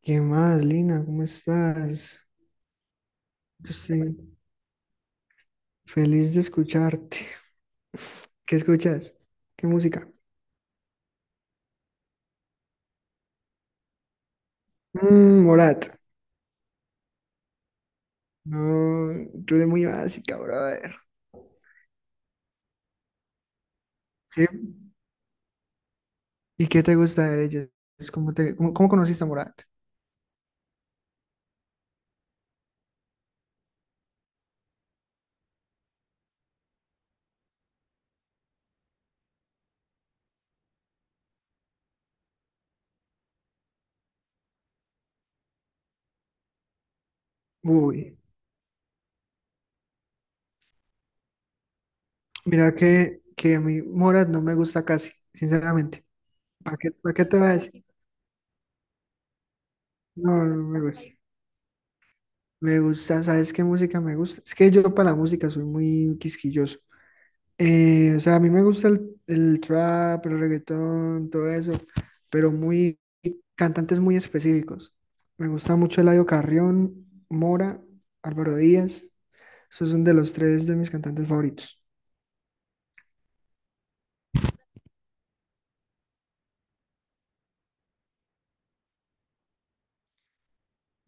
¿Qué más, Lina? ¿Cómo estás? Yo estoy feliz de escucharte. ¿Qué escuchas? ¿Qué música? Mm, Morat. No, tú eres muy básica, brother. ¿Sí? ¿Y qué te gusta de ellos? ¿Cómo cómo conociste a Morat? Uy, mira que a mí Morat no me gusta casi, sinceramente. ¿Para qué te voy a decir? No, no me gusta. Me gusta, ¿sabes qué música me gusta? Es que yo para la música soy muy quisquilloso. O sea, a mí me gusta el trap, el reggaetón, todo eso, pero muy cantantes muy específicos. Me gusta mucho Eladio Carrión, Mora, Álvaro Díaz. Esos son de los tres de mis cantantes favoritos.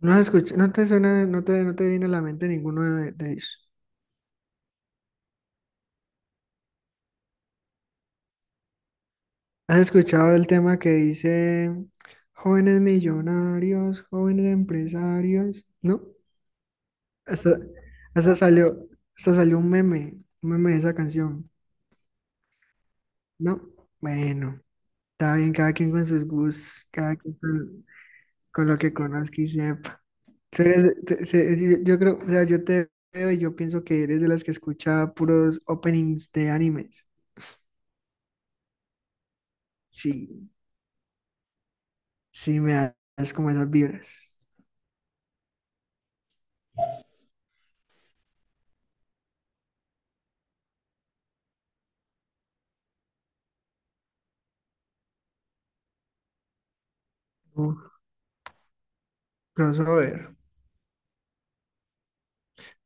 No has escuchado, no te suena, no te viene a la mente ninguno de ellos. ¿Has escuchado el tema que dice jóvenes millonarios, jóvenes empresarios? ¿No? Hasta, hasta salió, hasta salió un meme de esa canción. No, bueno, está bien, cada quien con sus gustos, cada quien con lo que conozca y sepa. Tú eres yo creo, o sea, yo te veo y yo pienso que eres de las que escucha puros openings de animes. Sí, sí, me das como esas vibras. Uf, crossover.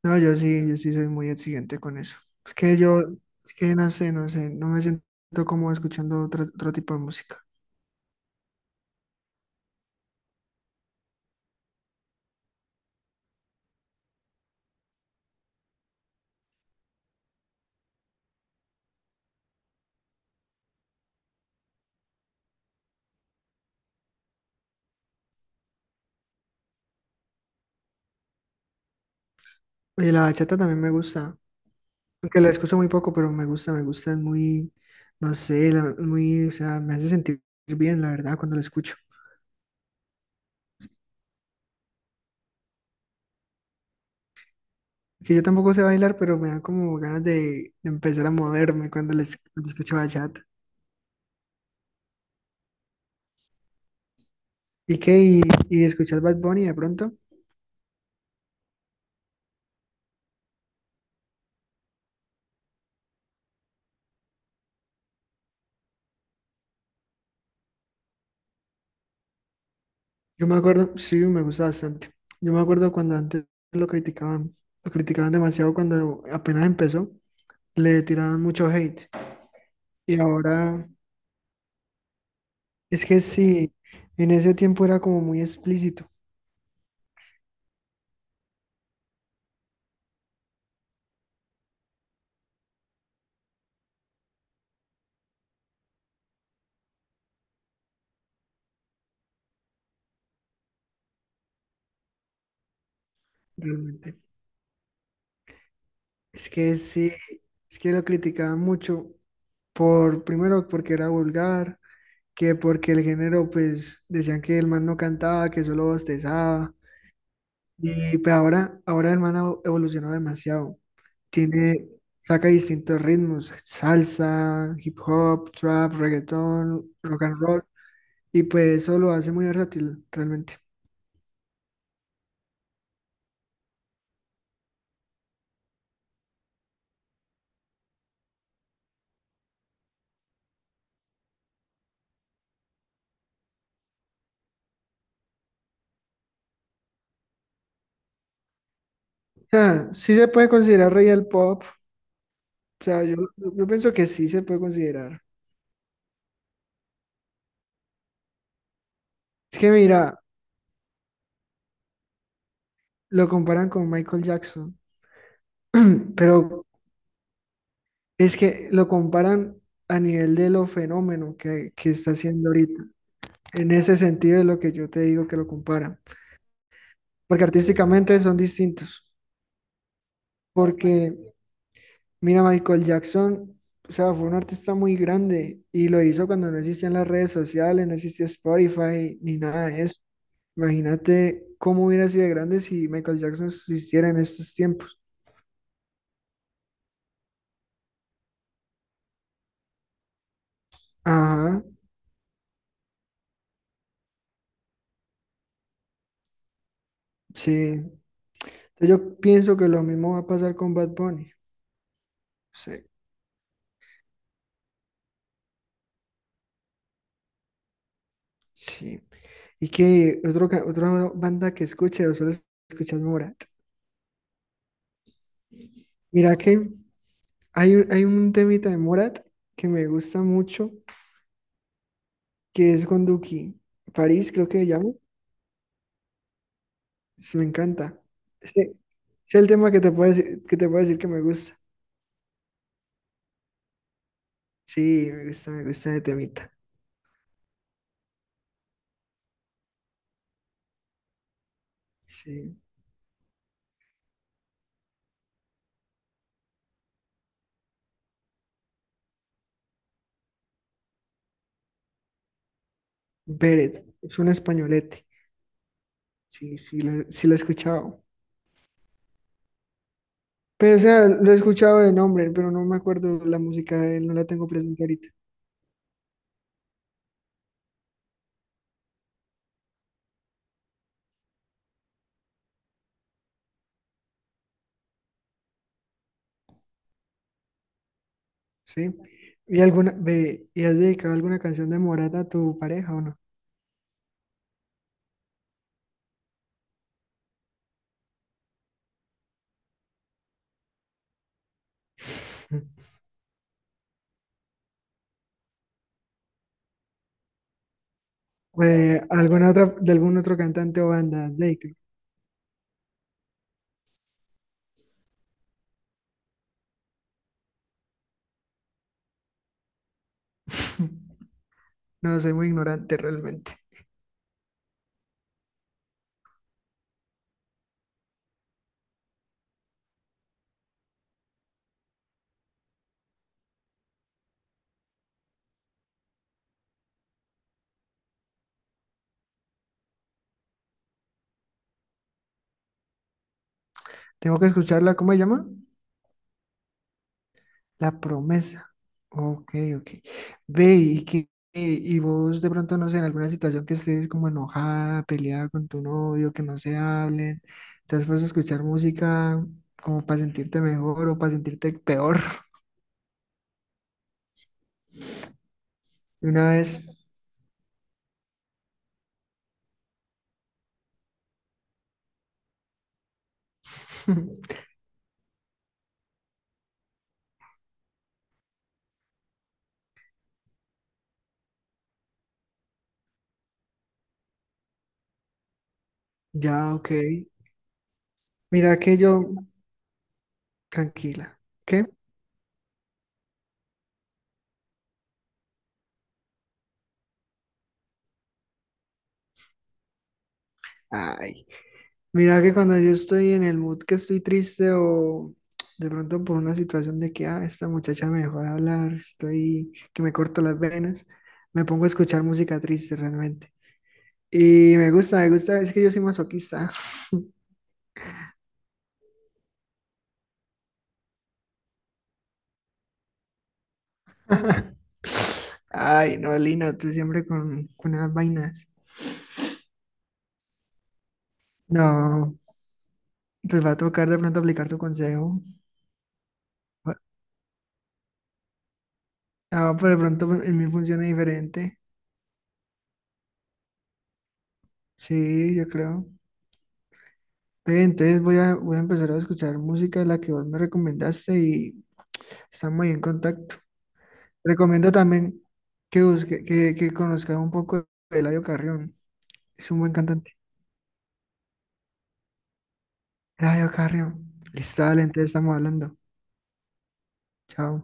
No, yo sí, yo sí soy muy exigente con eso. Es que yo, es que no sé, no me siento como escuchando otro tipo de música. Y la bachata también me gusta. Aunque la escucho muy poco, pero me gusta, es muy, no sé, muy, o sea, me hace sentir bien, la verdad, cuando la escucho. Que yo tampoco sé bailar, pero me da como ganas de empezar a moverme cuando escucho bachata. ¿Y qué? Y escuchar Bad Bunny de pronto? Yo me acuerdo, sí, me gusta bastante. Yo me acuerdo cuando antes lo criticaban, lo criticaban demasiado cuando apenas empezó, le tiraban mucho hate. Y ahora, es que sí, en ese tiempo era como muy explícito, realmente. Es que sí, es que lo criticaban mucho por, primero porque era vulgar, que porque el género, pues decían que el man no cantaba, que solo bostezaba. Y pues ahora, ahora el man ha evolucionado demasiado. Tiene, saca distintos ritmos, salsa, hip hop, trap, reggaetón, rock and roll. Y pues eso lo hace muy versátil, realmente. O sea, sí se puede considerar rey del pop. O sea, yo pienso que sí se puede considerar. Es que mira, lo comparan con Michael Jackson, pero es que lo comparan a nivel de lo fenómeno que está haciendo ahorita. En ese sentido es lo que yo te digo que lo comparan, porque artísticamente son distintos, porque mira, Michael Jackson, o sea, fue un artista muy grande y lo hizo cuando no existían las redes sociales, no existía Spotify ni nada de eso. Imagínate cómo hubiera sido de grande si Michael Jackson existiera en estos tiempos. Ajá, sí. Entonces, yo pienso que lo mismo va a pasar con Bad Bunny. Sí, sí. Y que otra banda que escuche o solo escuchas Morat. Mira que hay un temita de Morat que me gusta mucho, que es con Duki. París, creo que se llama. Sí, me encanta. Este, es el tema que te puedo decir que me gusta. Sí, me gusta de temita. Sí. Beret, es un españolete. Sí, sí, sí lo he escuchado, pero o sea, lo he escuchado de nombre, pero no me acuerdo la música de él, no la tengo presente ahorita. ¿Sí? ¿Y alguna, ve, y has dedicado alguna canción de Morata a tu pareja o no? ¿Alguna otra, de algún otro cantante o banda has dedicado? No, soy muy ignorante realmente. Tengo que escucharla, ¿cómo se llama? La promesa. Ok, ok. Ve y que y vos de pronto no sé, en alguna situación que estés como enojada, peleada con tu novio, que no se hablen, te has puesto a escuchar música como para sentirte mejor o para sentirte peor. De una vez. Ya, ok. Mira que yo, tranquila. ¿Qué? Ay, mira que cuando yo estoy en el mood que estoy triste o de pronto por una situación de que, ah, esta muchacha me dejó de hablar, estoy que me corto las venas, me pongo a escuchar música triste realmente. Y me gusta, es que yo soy masoquista. Ay, no, Lina, tú siempre con esas vainas. No, pues va a tocar de pronto aplicar tu consejo. Ah, pero de pronto pues, en mí funciona diferente. Sí, yo creo. Ve, entonces voy a, voy a empezar a escuchar música de la que vos me recomendaste y estamos ahí en contacto. Recomiendo también que que conozca un poco de Eladio Carrión. Es un buen cantante. Eladio Carrión. Listo, dale, entonces estamos hablando. Chao.